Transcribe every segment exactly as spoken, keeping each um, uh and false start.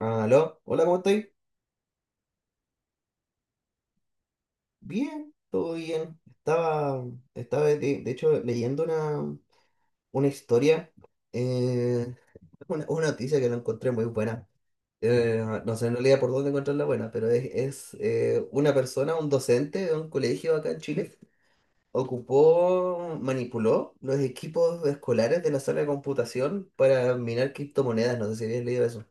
Ah, aló, hola, ¿cómo estáis? Bien, todo bien. Estaba, estaba de, de hecho leyendo una, una historia, eh, una, una noticia que la encontré muy buena. Eh, no sé en realidad por dónde encontrarla buena, pero es, es, eh, una persona, un docente de un colegio acá en Chile, ocupó, manipuló los equipos escolares de la sala de computación para minar criptomonedas. No sé si habías leído eso.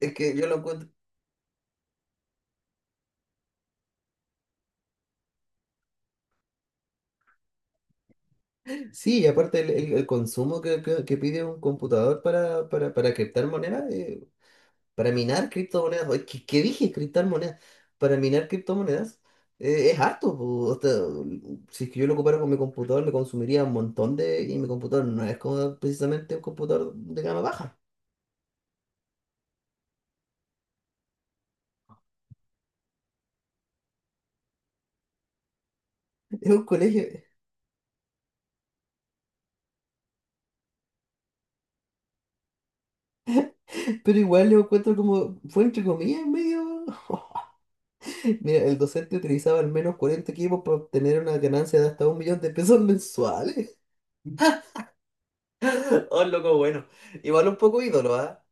Es que yo lo encuentro. Sí, y aparte el, el- el consumo que, que- que pide un computador para, para, para criptar monedas, eh, para minar criptomonedas, oye, ¿qué, qué dije? Criptar monedas, para minar criptomonedas, eh, es harto po, o sea, si es que yo lo ocupara con mi computador, me consumiría un montón de... Y mi computador no es como precisamente un computador de gama baja. Es un colegio. Pero igual lo encuentro como, fue entre comillas, medio... Mira, el docente utilizaba al menos cuarenta equipos para obtener una ganancia de hasta un millón de pesos mensuales. Oh, el loco, bueno. Igual un poco ídolo, ¿ah?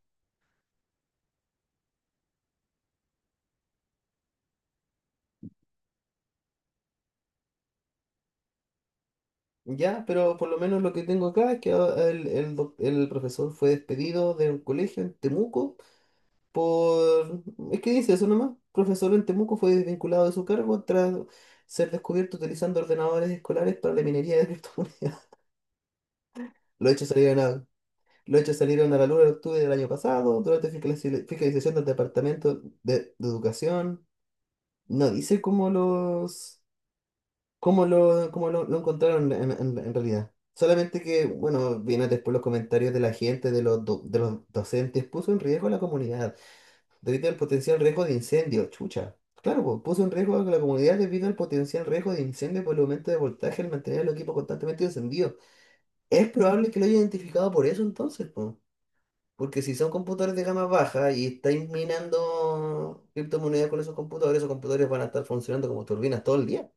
Ya, pero por lo menos lo que tengo acá es que a- el, el doc- el profesor fue despedido de un colegio en Temuco por... Es que dice eso nomás. Profesor en Temuco fue desvinculado de su cargo tras ser descubierto utilizando ordenadores escolares para la minería de criptomonedas. Los hechos salieron a, los hechos salieron a la luz en octubre del año pasado durante fiscaliz- fiscalización del Departamento de, de Educación. No dice cómo los... ¿Cómo lo, cómo lo, lo encontraron en, en- en realidad? Solamente que, bueno, vienen después los comentarios de la gente, de los, do- de los docentes, puso en riesgo a la comunidad debido al potencial riesgo de incendio, chucha. Claro, pues, puso en riesgo a la comunidad debido al potencial riesgo de incendio por el aumento de voltaje al mantener el equipo constantemente encendido. Es probable que lo haya identificado por eso entonces, pues. Porque si son computadores de gama baja y estáis minando criptomonedas con esos computadores, esos computadores van a estar funcionando como turbinas todo el día.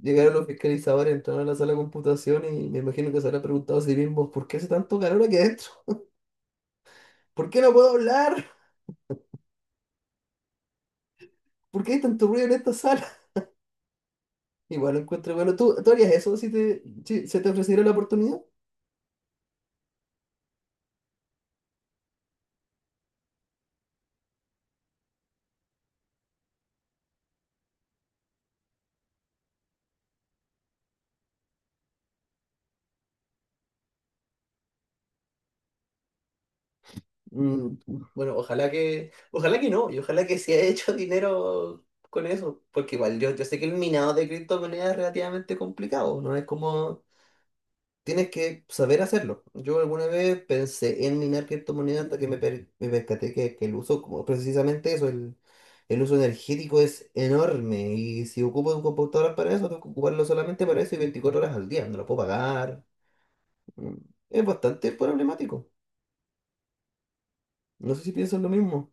Llegaron los fiscalizadores, entraron a la sala de computación y me imagino que se habrá preguntado a sí mismo, ¿por qué hace tanto calor aquí adentro? ¿Por qué no puedo hablar? ¿Por qué hay tanto ruido en esta sala? Igual lo encuentro, bueno, ¿tú, tú harías eso si te, si se te ofreciera la oportunidad? Mm, bueno, ojalá que, ojalá que no, y ojalá que se haya hecho dinero con eso, porque igual yo, yo sé que el minado de criptomonedas es relativamente complicado, no es como. Tienes que saber hacerlo. Yo alguna vez pensé en minar criptomonedas hasta que me, per- me percaté que, que el uso, como precisamente eso, el, el uso energético es enorme. Y si ocupo un computador para eso, tengo que ocuparlo solamente para eso y veinticuatro horas al día. No lo puedo pagar. Mm, es bastante problemático. No sé si piensas lo mismo.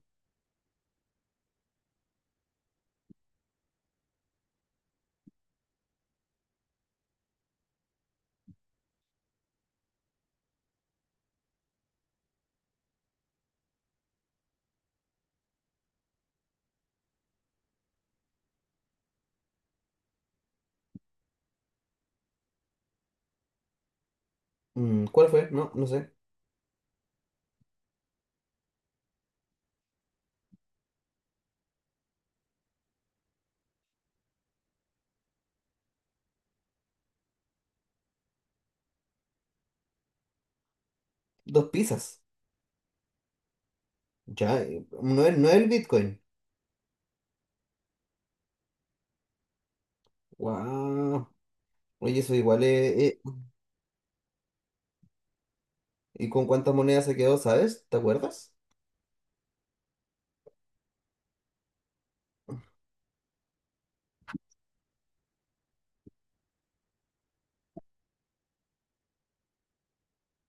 Mm, ¿cuál fue? No, no sé. Dos pizzas. Ya, eh, no es, no es el Bitcoin. Wow. Oye, eso igual es... eh, ¿Y con cuántas monedas se quedó, sabes? ¿Te acuerdas?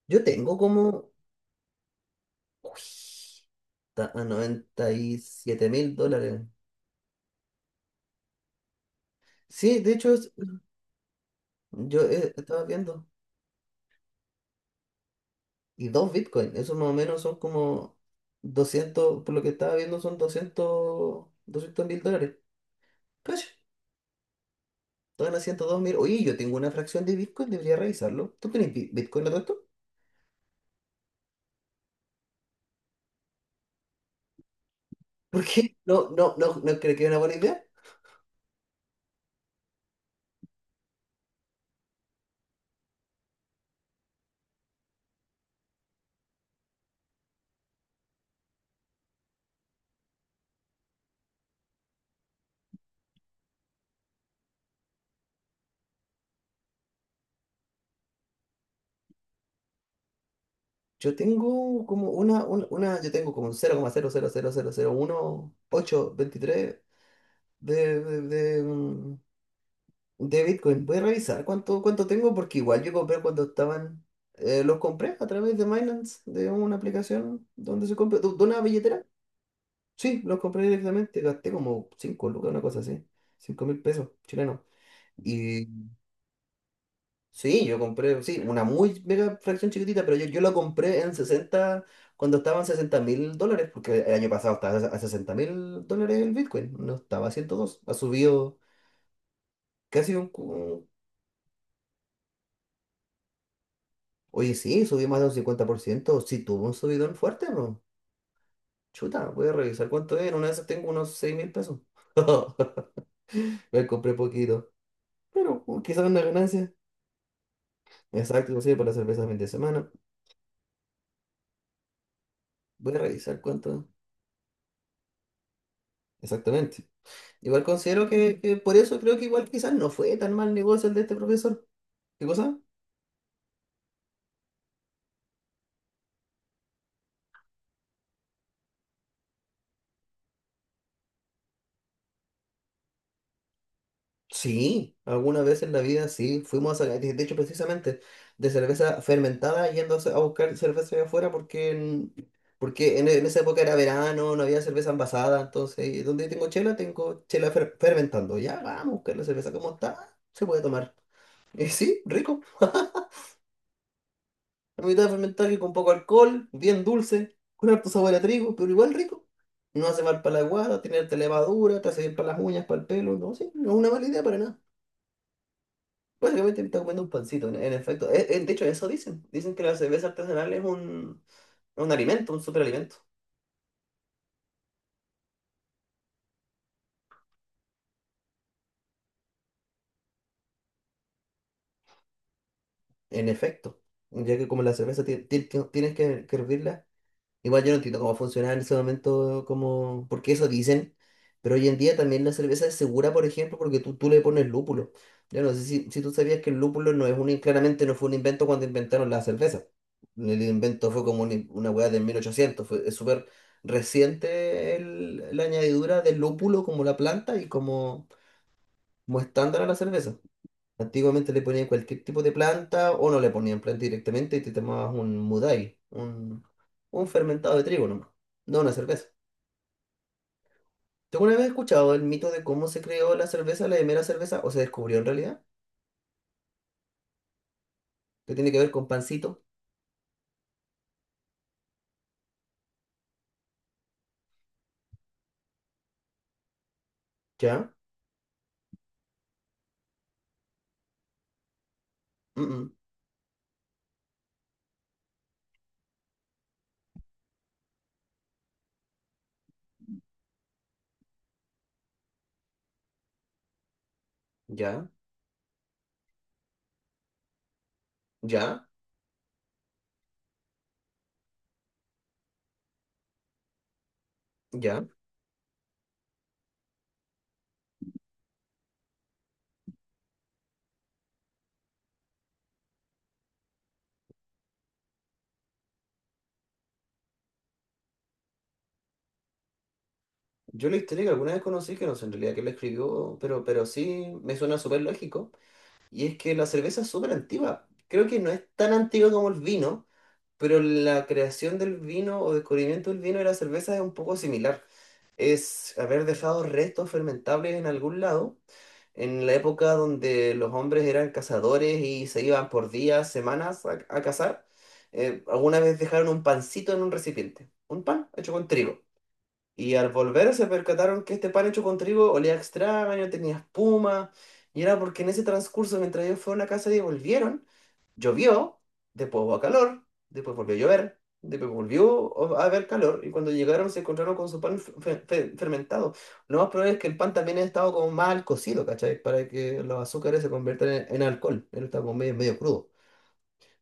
Yo tengo como. Uy, está a noventa y siete mil dólares. Sí, de hecho, es, yo eh, estaba viendo. Y dos Bitcoin, eso más o menos son como doscientos por lo que estaba viendo son doscientos doscientos mil dólares. Cacha, están a ciento dos mil. Oye, yo tengo una fracción de Bitcoin, debería revisarlo. ¿Tú tenés Bi- Bitcoin no tanto? ¿Por qué? No, no, no, no creo que es una buena idea. Yo tengo como una, una, una- yo tengo como un cero coma cero cero cero cero cero uno, ocho, veintitrés de, de, de Bitcoin, voy a revisar cuánto, cuánto tengo porque igual yo compré cuando estaban, eh, los compré a través de Binance, de una aplicación donde se compra, de de una billetera. Sí, los compré directamente, gasté como cinco lucas, una cosa así, cinco mil pesos chilenos. Y sí, yo compré, sí, una muy mega fracción chiquitita, pero yo, yo la compré en sesenta cuando estaban sesenta mil dólares, porque el año pasado estaba a sesenta mil dólares el Bitcoin, no estaba a ciento dos, ha subido casi un, cu-. Oye, sí, subí más de un cincuenta por ciento. Sí, tuvo un subidón fuerte, bro. Chuta, voy a revisar cuánto era. Una vez tengo unos seis mil pesos. Me compré poquito. Pero uh, quizás una ganancia. Exacto, sí, para la cerveza de fin de semana. Voy a revisar cuánto. Exactamente. Igual considero que, que por eso creo que igual quizás no fue tan mal negocio el de este profesor. ¿Qué cosa? Sí, alguna vez en la vida sí, fuimos a, de de hecho precisamente de cerveza fermentada yendo a, a buscar cerveza allá afuera porque, en- porque en, en esa época era verano, no había cerveza envasada, entonces donde tengo chela, tengo chela fer- fermentando, ya vamos a buscar la cerveza como está, se puede tomar. Y sí, rico, la mitad fermentada que con poco alcohol, bien dulce, con harto sabor a trigo, pero igual rico. No hace mal para la guada, tiene harta levadura, te hace bien para las uñas, para el pelo, no, sí, no es una mala idea para nada. Básicamente me está comiendo un pancito, en, en efecto. Eh, eh, de hecho, eso dicen. Dicen que la cerveza artesanal es un, un alimento, un superalimento. En efecto. Ya que como la cerveza ti- ti- ti- tienes que, que hervirla. Igual yo no entiendo cómo funcionaba en ese momento, como, porque eso dicen, pero hoy en día también la cerveza es segura, por ejemplo, porque tú, tú le pones lúpulo. Yo no sé si, si tú sabías que el lúpulo no es un, claramente no fue un invento cuando inventaron la cerveza. El invento fue como un- una hueá de mil ochocientos fue, es súper reciente el- la añadidura del lúpulo como la planta y como, como estándar a la cerveza. Antiguamente le ponían cualquier tipo de planta o no le ponían planta directamente y te tomabas un Mudai, un fermentado de trigo nomás, no una cerveza. ¿Tú alguna vez has escuchado el mito de cómo se creó la cerveza, la primera cerveza, o se descubrió en realidad? Que tiene que ver con pancito. ¿Ya? Mm-mm. ¿Ya? ¿Ya? ¿Ya? Yo la historia que alguna vez conocí, que no sé en realidad quién la escribió, pero, pero sí me suena súper lógico, y es que la cerveza es súper antigua. Creo que no es tan antigua como el vino, pero la creación del vino o descubrimiento del vino y la cerveza es un poco similar. Es haber dejado restos fermentables en algún lado en la época donde los hombres eran cazadores y se iban por días, semanas a, a cazar, eh, alguna vez dejaron un pancito en un recipiente, un pan hecho con trigo. Y al volver se percataron que este pan hecho con trigo olía extraño, tenía espuma, y era porque en ese transcurso, mientras ellos fueron a casa y volvieron, llovió, después hubo calor, después volvió a llover, después volvió a haber calor y cuando llegaron se encontraron con su pan fe- fe- fermentado. Lo más probable es que el pan también ha estado como mal cocido, ¿cachai? Para que los azúcares se conviertan en, en alcohol. Él está como medio, medio crudo.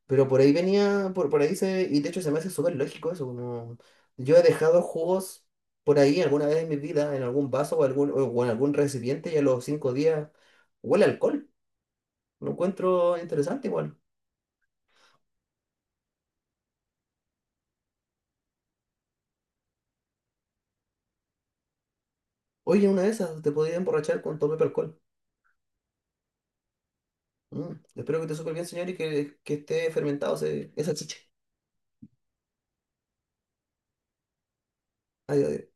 Pero por ahí venía, por, por ahí se, y de hecho se me hace súper lógico eso, como yo he dejado jugos por ahí alguna vez en mi vida, en algún vaso o, algún, o en algún recipiente y a los cinco días huele a alcohol. Lo encuentro interesante igual. Oye, una de esas, te podría emborrachar con tu propio alcohol. Mm, espero que te supe bien, señor, y que, que esté fermentado ese- esa chicha. Adiós, adiós.